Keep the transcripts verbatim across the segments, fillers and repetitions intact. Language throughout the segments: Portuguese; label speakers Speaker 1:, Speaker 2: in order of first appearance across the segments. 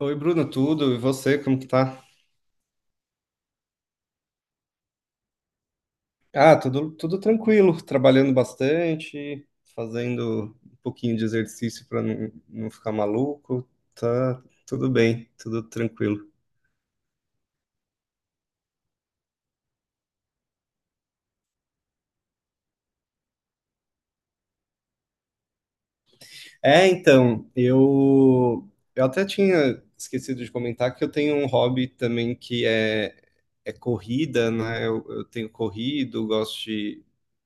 Speaker 1: Oi, Bruno, tudo? E você, como que tá? Ah, tudo, tudo tranquilo, trabalhando bastante, fazendo um pouquinho de exercício para não, não ficar maluco. Tá tudo bem, tudo tranquilo. É, então, eu, eu até tinha esquecido de comentar que eu tenho um hobby também que é, é corrida, né? Eu, eu tenho corrido, gosto de,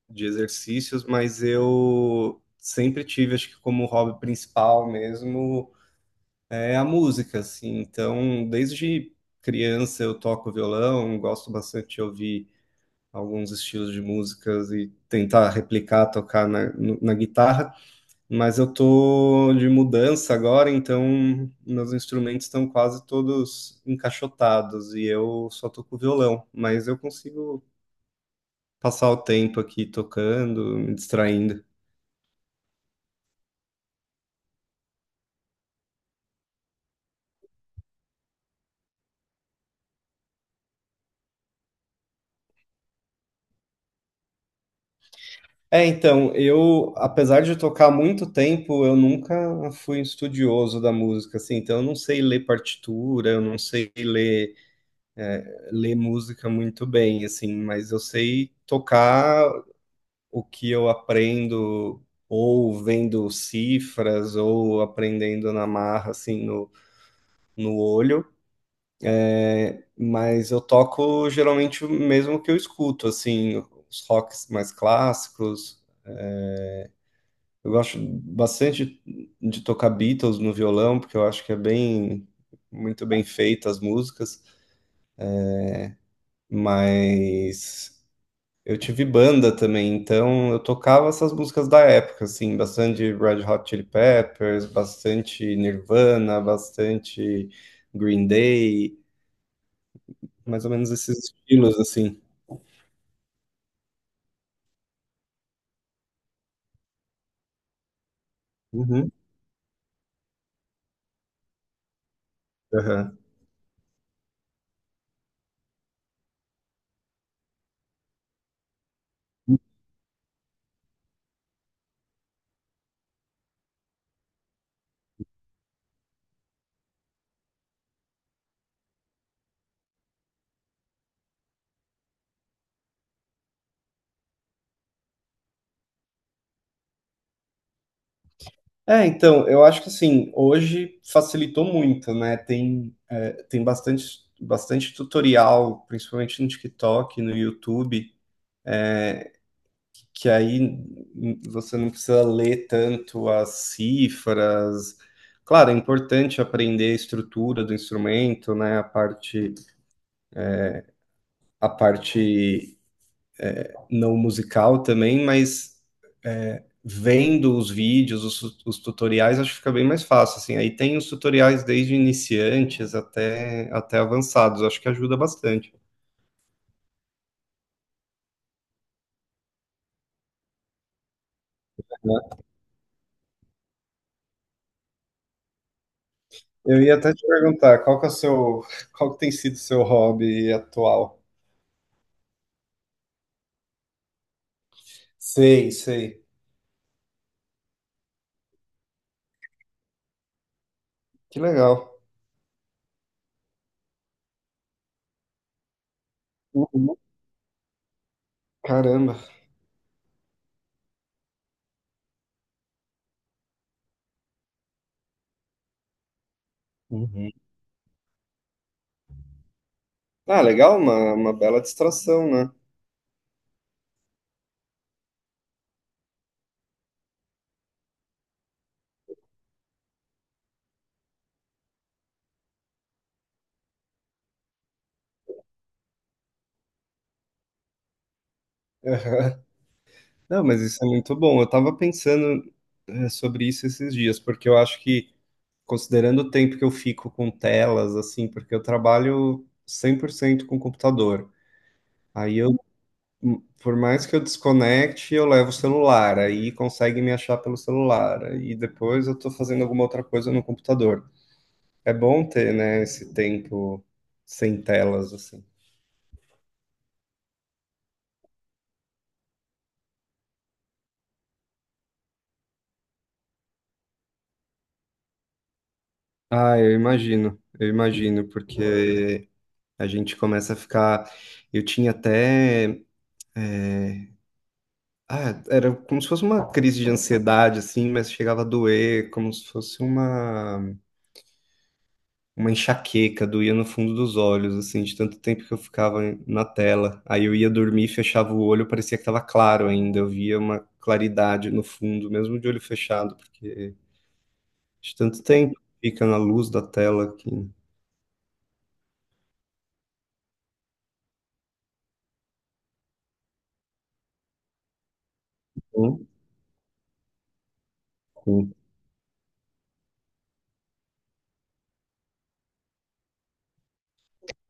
Speaker 1: de exercícios, mas eu sempre tive, acho que como hobby principal mesmo. É a música, assim. Então, desde criança eu toco violão, gosto bastante de ouvir alguns estilos de músicas e tentar replicar, tocar na, no- na guitarra. Mas eu tô de mudança agora, então meus instrumentos estão quase todos encaixotados e eu só toco violão. Mas eu consigo passar o tempo aqui tocando, me distraindo. É, então, eu, apesar de eu tocar há muito tempo, eu nunca fui um estudioso da música, assim, então eu não sei ler partitura, eu não sei ler, é, ler música muito bem, assim, mas eu sei tocar o que eu aprendo ou vendo cifras ou aprendendo na marra, assim, no, no olho, mas eu toco geralmente o mesmo que eu escuto, assim, os rocks mais clássicos. Eu gosto bastante de tocar Beatles no violão, porque eu acho que é bem, muito bem feita as músicas, mas eu tive banda também, então eu tocava essas músicas da época, assim, bastante Red Hot Chili Peppers, bastante Nirvana, bastante Green Day, mais ou menos esses estilos, assim. Uhum, aham. É, então, eu acho que assim, hoje facilitou muito, né? Tem, é, tem bastante, bastante tutorial, principalmente no TikTok, no YouTube, que aí n- você não precisa ler tanto as cifras. Claro, é importante aprender a estrutura do instrumento, né? A parte, a parte não musical também, mas é, vendo os vídeos, os, os tutoriais, acho que fica bem mais fácil, assim. Aí tem os tutoriais desde iniciantes até, até avançados, acho que ajuda bastante. Né? Eu ia até te perguntar, qual que é o seu, qual que tem sido o seu hobby atual? Sei, sei. Que legal. Uhum. Caramba. Uhum. Ah, legal, uma, uma bela distração, né? Aham. Não, mas isso é muito bom. Eu tava pensando, eh, sobre isso esses dias, porque eu acho que considerando o tempo que eu fico com telas, assim, porque eu trabalho cem por cento com computador. Aí eu, hum, por mais que eu desconecte, eu levo o celular, aí consegue me achar pelo celular. Aí depois eu tô fazendo alguma outra coisa no computador. É bom ter, né, esse tempo sem telas, assim. Ah, eu imagino, eu imagino, porque a gente começa a ficar. Eu tinha até. Ah, era como se fosse uma crise de ansiedade, assim, mas chegava a doer, como se fosse uma, uma enxaqueca, doía no fundo dos olhos, assim, de tanto tempo que eu ficava na tela. Aí eu ia dormir, fechava o olho, parecia que estava claro ainda, eu via uma claridade no fundo, mesmo de olho fechado, porque de tanto tempo fica na luz da tela aqui. Sim, sim.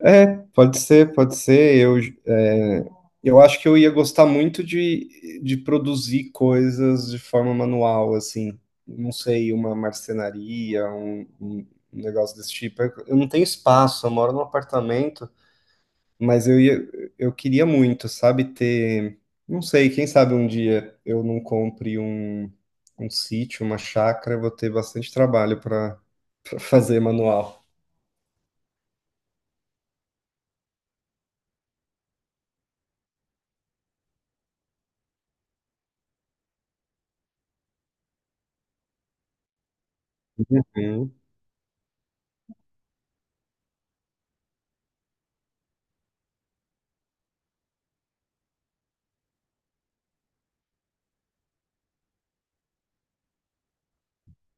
Speaker 1: É, pode ser, pode ser. Eu, é, eu acho que eu ia gostar muito de, de produzir coisas de forma manual, assim. Não sei, uma marcenaria, um, um negócio desse tipo. Eu, eu não tenho espaço, eu moro num apartamento, mas eu ia, eu queria muito, sabe, ter. Não sei, quem sabe um dia eu não compre um, um sítio, uma chácara, eu vou ter bastante trabalho para fazer manual.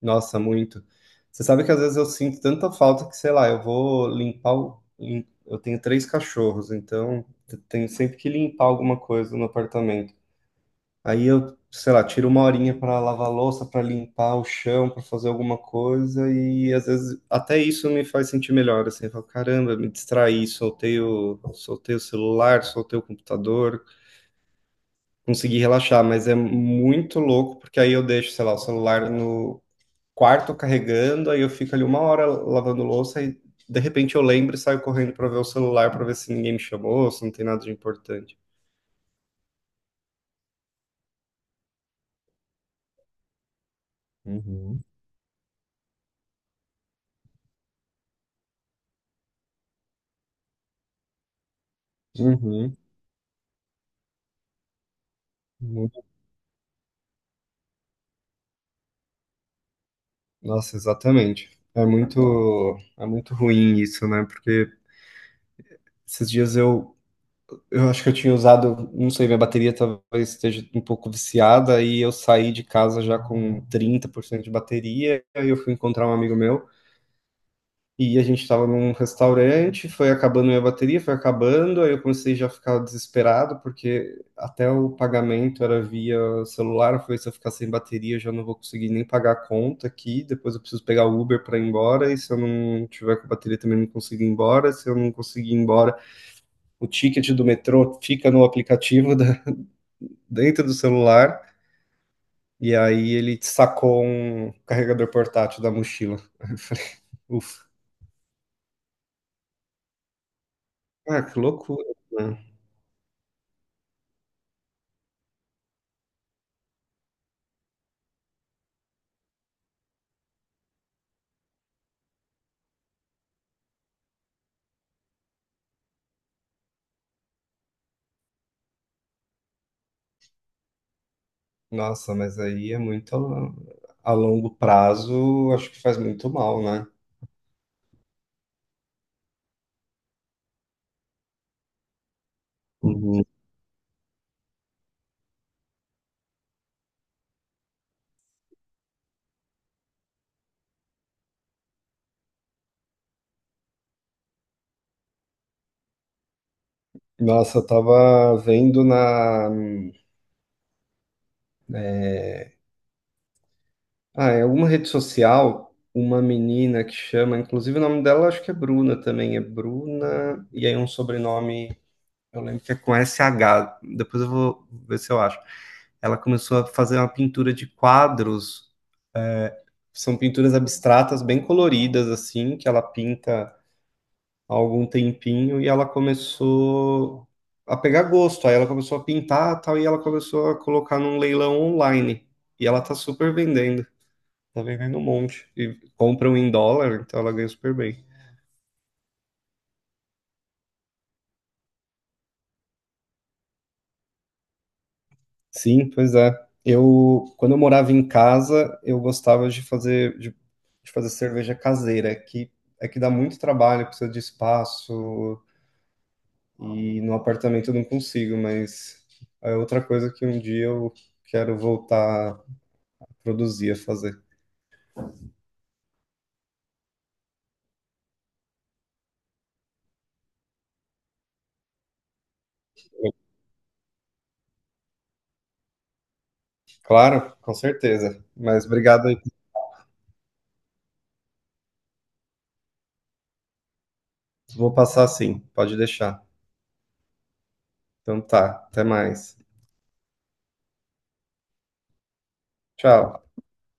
Speaker 1: Nossa, muito. Você sabe que às vezes eu sinto tanta falta que, sei lá, eu vou limpar o. lim- eu tenho três cachorros, então eu tenho sempre que limpar alguma coisa no apartamento. Aí eu, sei lá, tiro uma horinha para lavar a louça, para limpar o chão, para fazer alguma coisa, e às vezes até isso me faz sentir melhor, assim, eu falo, caramba, me distraí, soltei o, soltei o celular, soltei o computador, consegui relaxar, mas é muito louco, porque aí eu deixo, sei lá, o celular no quarto carregando, aí eu fico ali uma hora lavando louça e de repente eu lembro e saio correndo para ver o celular para ver se ninguém me chamou, se não tem nada de importante. Uhum. Uhum. Muito- Nossa, exatamente. É muito, é muito ruim isso, né? Porque esses dias eu, eu acho que eu tinha usado, não sei, minha bateria talvez esteja um pouco viciada, e eu saí de casa já com trinta por cento de bateria, aí eu fui encontrar um amigo meu. E a gente estava num restaurante, foi acabando minha bateria, foi acabando, aí eu comecei já a ficar desesperado, porque até o pagamento era via celular, eu falei, se eu ficar sem bateria, eu já não vou conseguir nem pagar a conta aqui, depois eu preciso pegar o Uber para ir embora, e se eu não tiver com bateria também não consigo ir embora, se eu não conseguir ir embora, o ticket do metrô fica no aplicativo da- dentro do celular, e aí ele sacou um carregador portátil da mochila. Eu falei, ufa, ah, que loucura. Né? Nossa, mas aí é muito a, a longo prazo, acho que faz muito mal, né? Uhum. Nossa, eu tava vendo na, ah, em alguma rede social uma menina que chama, inclusive o nome dela acho que é Bruna também, é Bruna, e aí um sobrenome, eu lembro que é com S H. Depois eu vou ver se eu acho. Ela começou a fazer uma pintura de quadros, são pinturas abstratas bem coloridas assim, que ela pinta há algum tempinho e ela começou a pegar gosto. Aí ela começou a pintar tal e ela começou a colocar num leilão online. E ela tá super vendendo, tá vendendo um monte. E compram em dólar, então ela ganha super bem. Sim, pois é. Eu, quando eu morava em casa, eu gostava de fazer de, de fazer cerveja caseira, é que é que dá muito trabalho, precisa de espaço e no apartamento eu não consigo, mas é outra coisa que um dia eu quero voltar produzia fazer. Claro, com certeza. Mas obrigado aí. Vou passar sim, pode deixar. Então tá, até mais. Tchau.